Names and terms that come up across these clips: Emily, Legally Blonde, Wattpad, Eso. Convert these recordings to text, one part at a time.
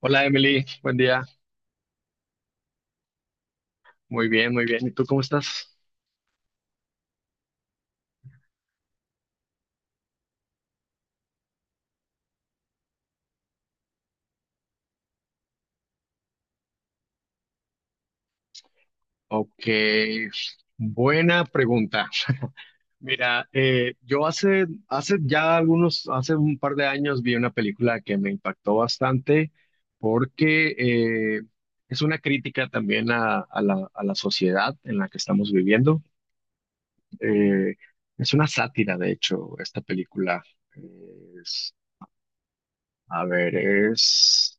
Hola Emily, buen día. Muy bien, muy bien. ¿Y tú cómo estás? Ok, buena pregunta. Mira, yo hace ya algunos, hace un par de años vi una película que me impactó bastante porque eh, es una crítica también a la sociedad en la que estamos viviendo. Eh, es una sátira, de hecho, esta película. Es- a ver, es...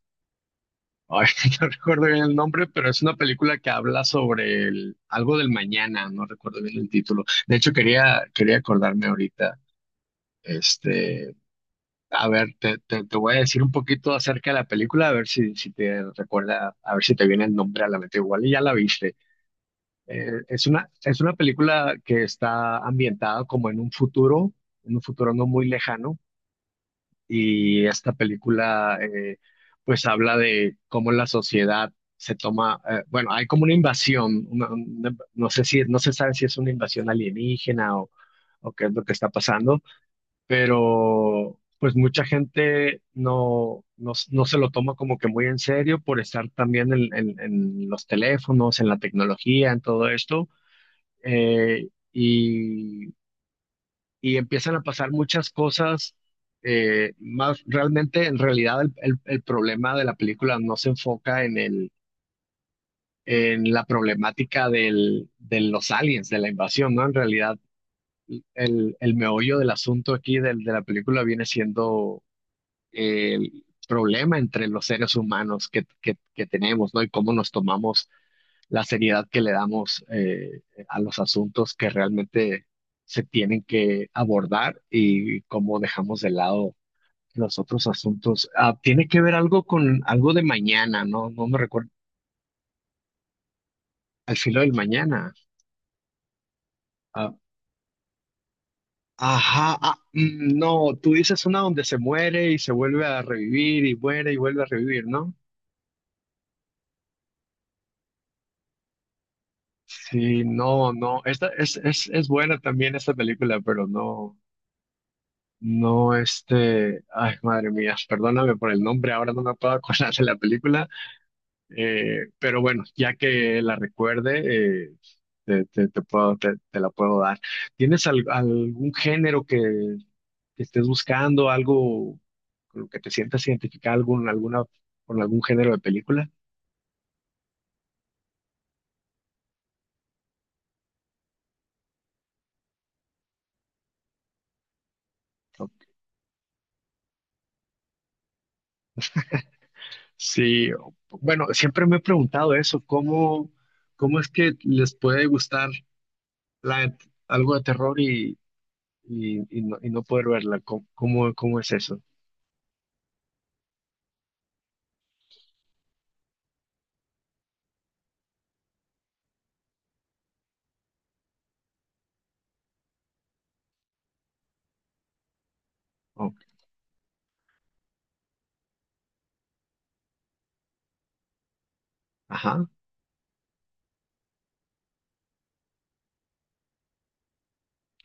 Ahorita no recuerdo bien el nombre, pero es una película que habla sobre el, algo del mañana, no recuerdo bien el título. De hecho, quería acordarme ahorita. Este, a ver, te voy a decir un poquito acerca de la película, a ver si te recuerda, a ver si te viene el nombre a la mente. Igual y ya la viste. Es una película que está ambientada como en un futuro no muy lejano y esta película pues habla de cómo la sociedad se toma, bueno, hay como una invasión, no sé si, no se sabe si es una invasión alienígena o qué es lo que está pasando, pero pues mucha gente no se lo toma como que muy en serio por estar también en los teléfonos, en la tecnología, en todo esto. Y y empiezan a pasar muchas cosas, más realmente en realidad el problema de la película no se enfoca en el en la problemática del, de los aliens de la invasión, ¿no? En realidad el meollo del asunto aquí del, de la película viene siendo el problema entre los seres humanos que tenemos, ¿no? Y cómo nos tomamos la seriedad que le damos, a los asuntos que realmente se tienen que abordar y cómo dejamos de lado los otros asuntos. Ah, tiene que ver algo con algo de mañana, ¿no? No me recuerdo. Al filo del mañana. Ah, ajá, ah, mm, no, tú dices una donde se muere y se vuelve a revivir y muere y vuelve a revivir, ¿no? Sí, no, no, esta es buena también esta película, pero no. No, este, ay, madre mía, perdóname por el nombre, ahora no me puedo acordar de la película, pero bueno, ya que la recuerde, te la puedo dar. ¿Tienes algún género que estés buscando, algo con lo que te sientas identificado, con algún género de película? ¿No? Sí, bueno, siempre me he preguntado eso. ¿Cómo, cómo es que les puede gustar la, algo de terror y, y no poder verla? ¿Cómo, cómo, cómo es eso? Oh, ajá.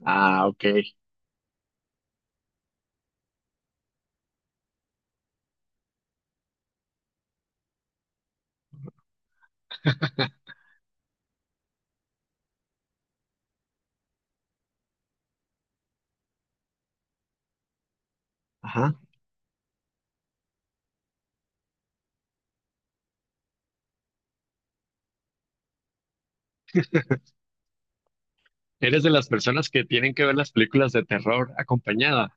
Ah, ok. Ajá. Eres de las personas que tienen que ver las películas de terror acompañada.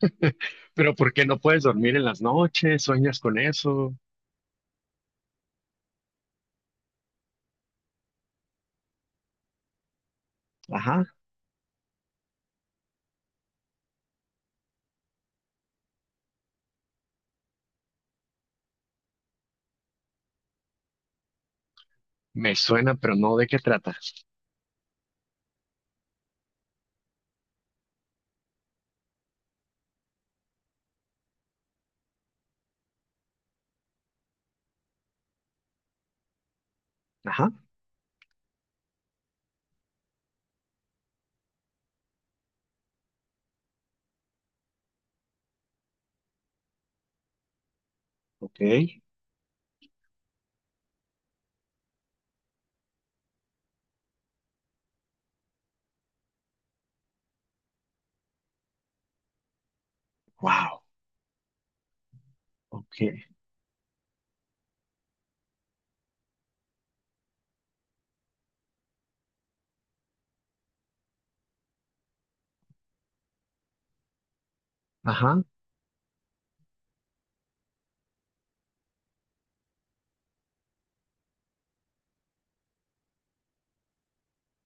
Pero ¿por qué no puedes dormir en las noches? ¿Sueñas con eso? Ajá. Me suena, pero no de qué trata. Ajá. Ok. Wow. Ok. Ajá.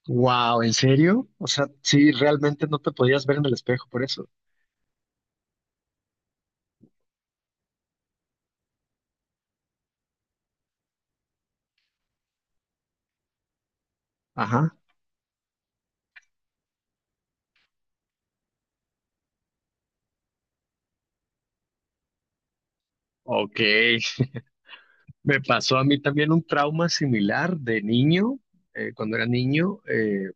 Wow, ¿en serio? O sea, sí, realmente no te podías ver en el espejo por eso. Ajá. Ok. Me pasó a mí también un trauma similar de niño. Cuando era niño,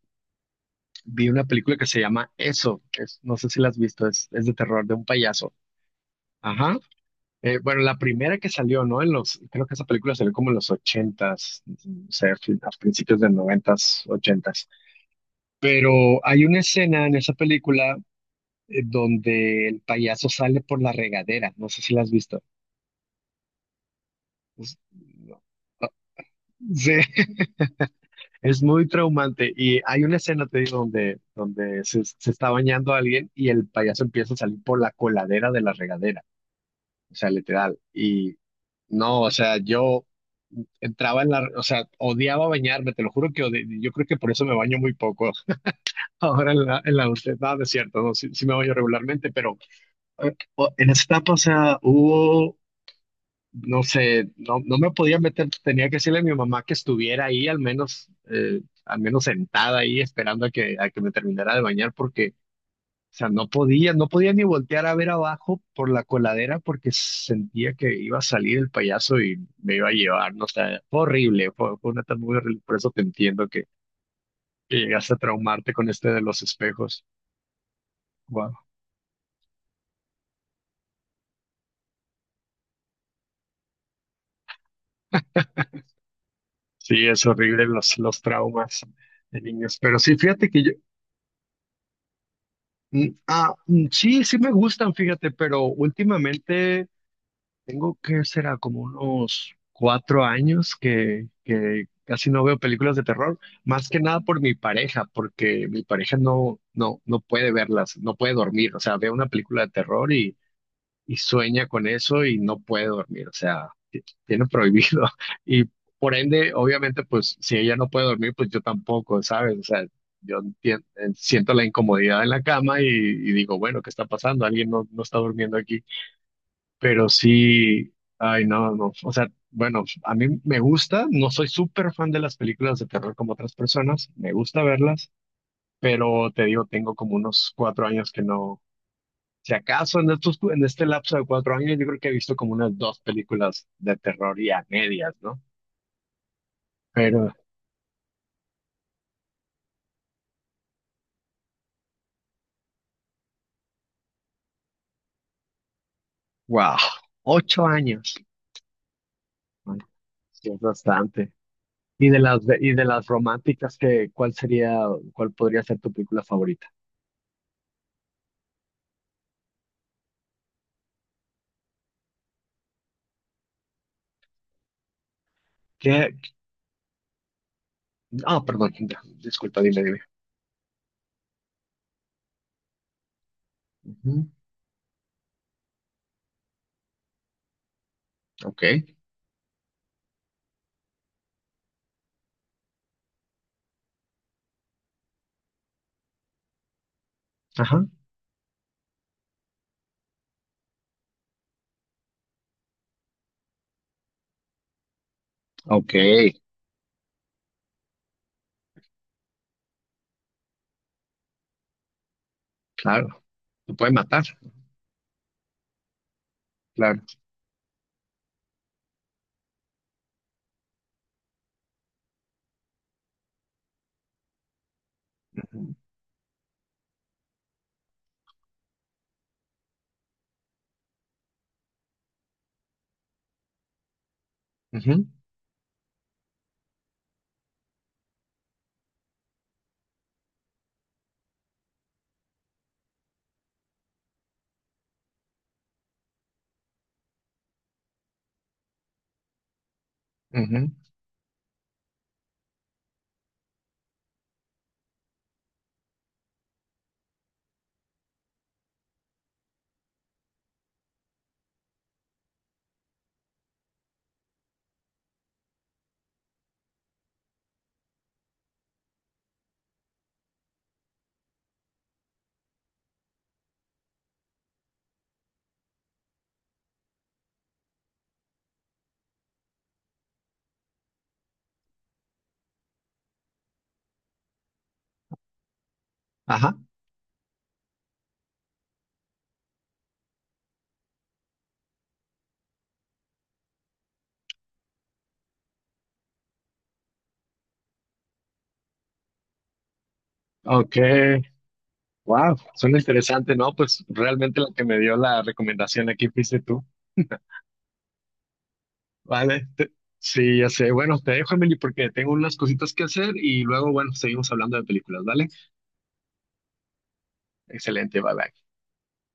vi una película que se llama Eso. No sé si la has visto, es de terror de un payaso. Ajá. Bueno, la primera que salió, ¿no? En los, creo que esa película salió como en los ochentas, o sea, a principios de noventas, ochentas. Pero hay una escena en esa película, donde el payaso sale por la regadera. No sé si la has visto. Es- no. Sí. Es muy traumante y hay una escena, te digo, donde, se está bañando alguien y el payaso empieza a salir por la coladera de la regadera, o sea, literal. Y no, o sea, yo entraba en la, o sea, odiaba bañarme, te lo juro que yo creo que por eso me baño muy poco. Ahora en la adultez, nada, es cierto, no, sí, sí me baño regularmente, pero en esa etapa, o sea, hubo no sé, no me podía meter, tenía que decirle a mi mamá que estuviera ahí, al menos sentada ahí esperando a que me terminara de bañar, porque, o sea, no podía, no podía ni voltear a ver abajo por la coladera porque sentía que iba a salir el payaso y me iba a llevar, no sé, fue horrible, fue una tarde muy horrible, por eso te entiendo que llegaste a traumarte con este de los espejos. Wow. Sí, es horrible los traumas de niños, pero sí, fíjate que yo, mm, ah, mm, sí, sí me gustan, fíjate, pero últimamente tengo que será como unos 4 años que casi no veo películas de terror, más que nada por mi pareja, porque mi pareja no puede verlas, no puede dormir, o sea, ve una película de terror y sueña con eso y no puede dormir, o sea, tiene prohibido. Y por ende, obviamente, pues si ella no puede dormir, pues yo tampoco, ¿sabes? O sea, yo siento la incomodidad en la cama y digo, bueno, ¿qué está pasando? Alguien no está durmiendo aquí, pero sí, ay, no, no, o sea, bueno, a mí me gusta, no soy súper fan de las películas de terror como otras personas, me gusta verlas. Pero te digo, tengo como unos cuatro años que no, si acaso en estos, en este lapso de 4 años, yo creo que he visto como unas 2 películas de terror y a medias, ¿no? Pero, wow, 8 años. Bueno, sí es bastante. Y de las románticas, que, ¿cuál sería, cuál podría ser tu película favorita? ¿Qué? Ah, perdón, ya, disculpa, dime, dime. Ujú, ok, ajá, ok, claro. Te puede matar, claro. Ujú, ujú, ajá, ok. Wow, suena interesante, ¿no? Pues realmente la que me dio la recomendación aquí fuiste tú. Vale, sí, ya sé. Bueno, te dejo, Emily, porque tengo unas cositas que hacer y luego, bueno, seguimos hablando de películas, ¿vale? Excelente, bye bye.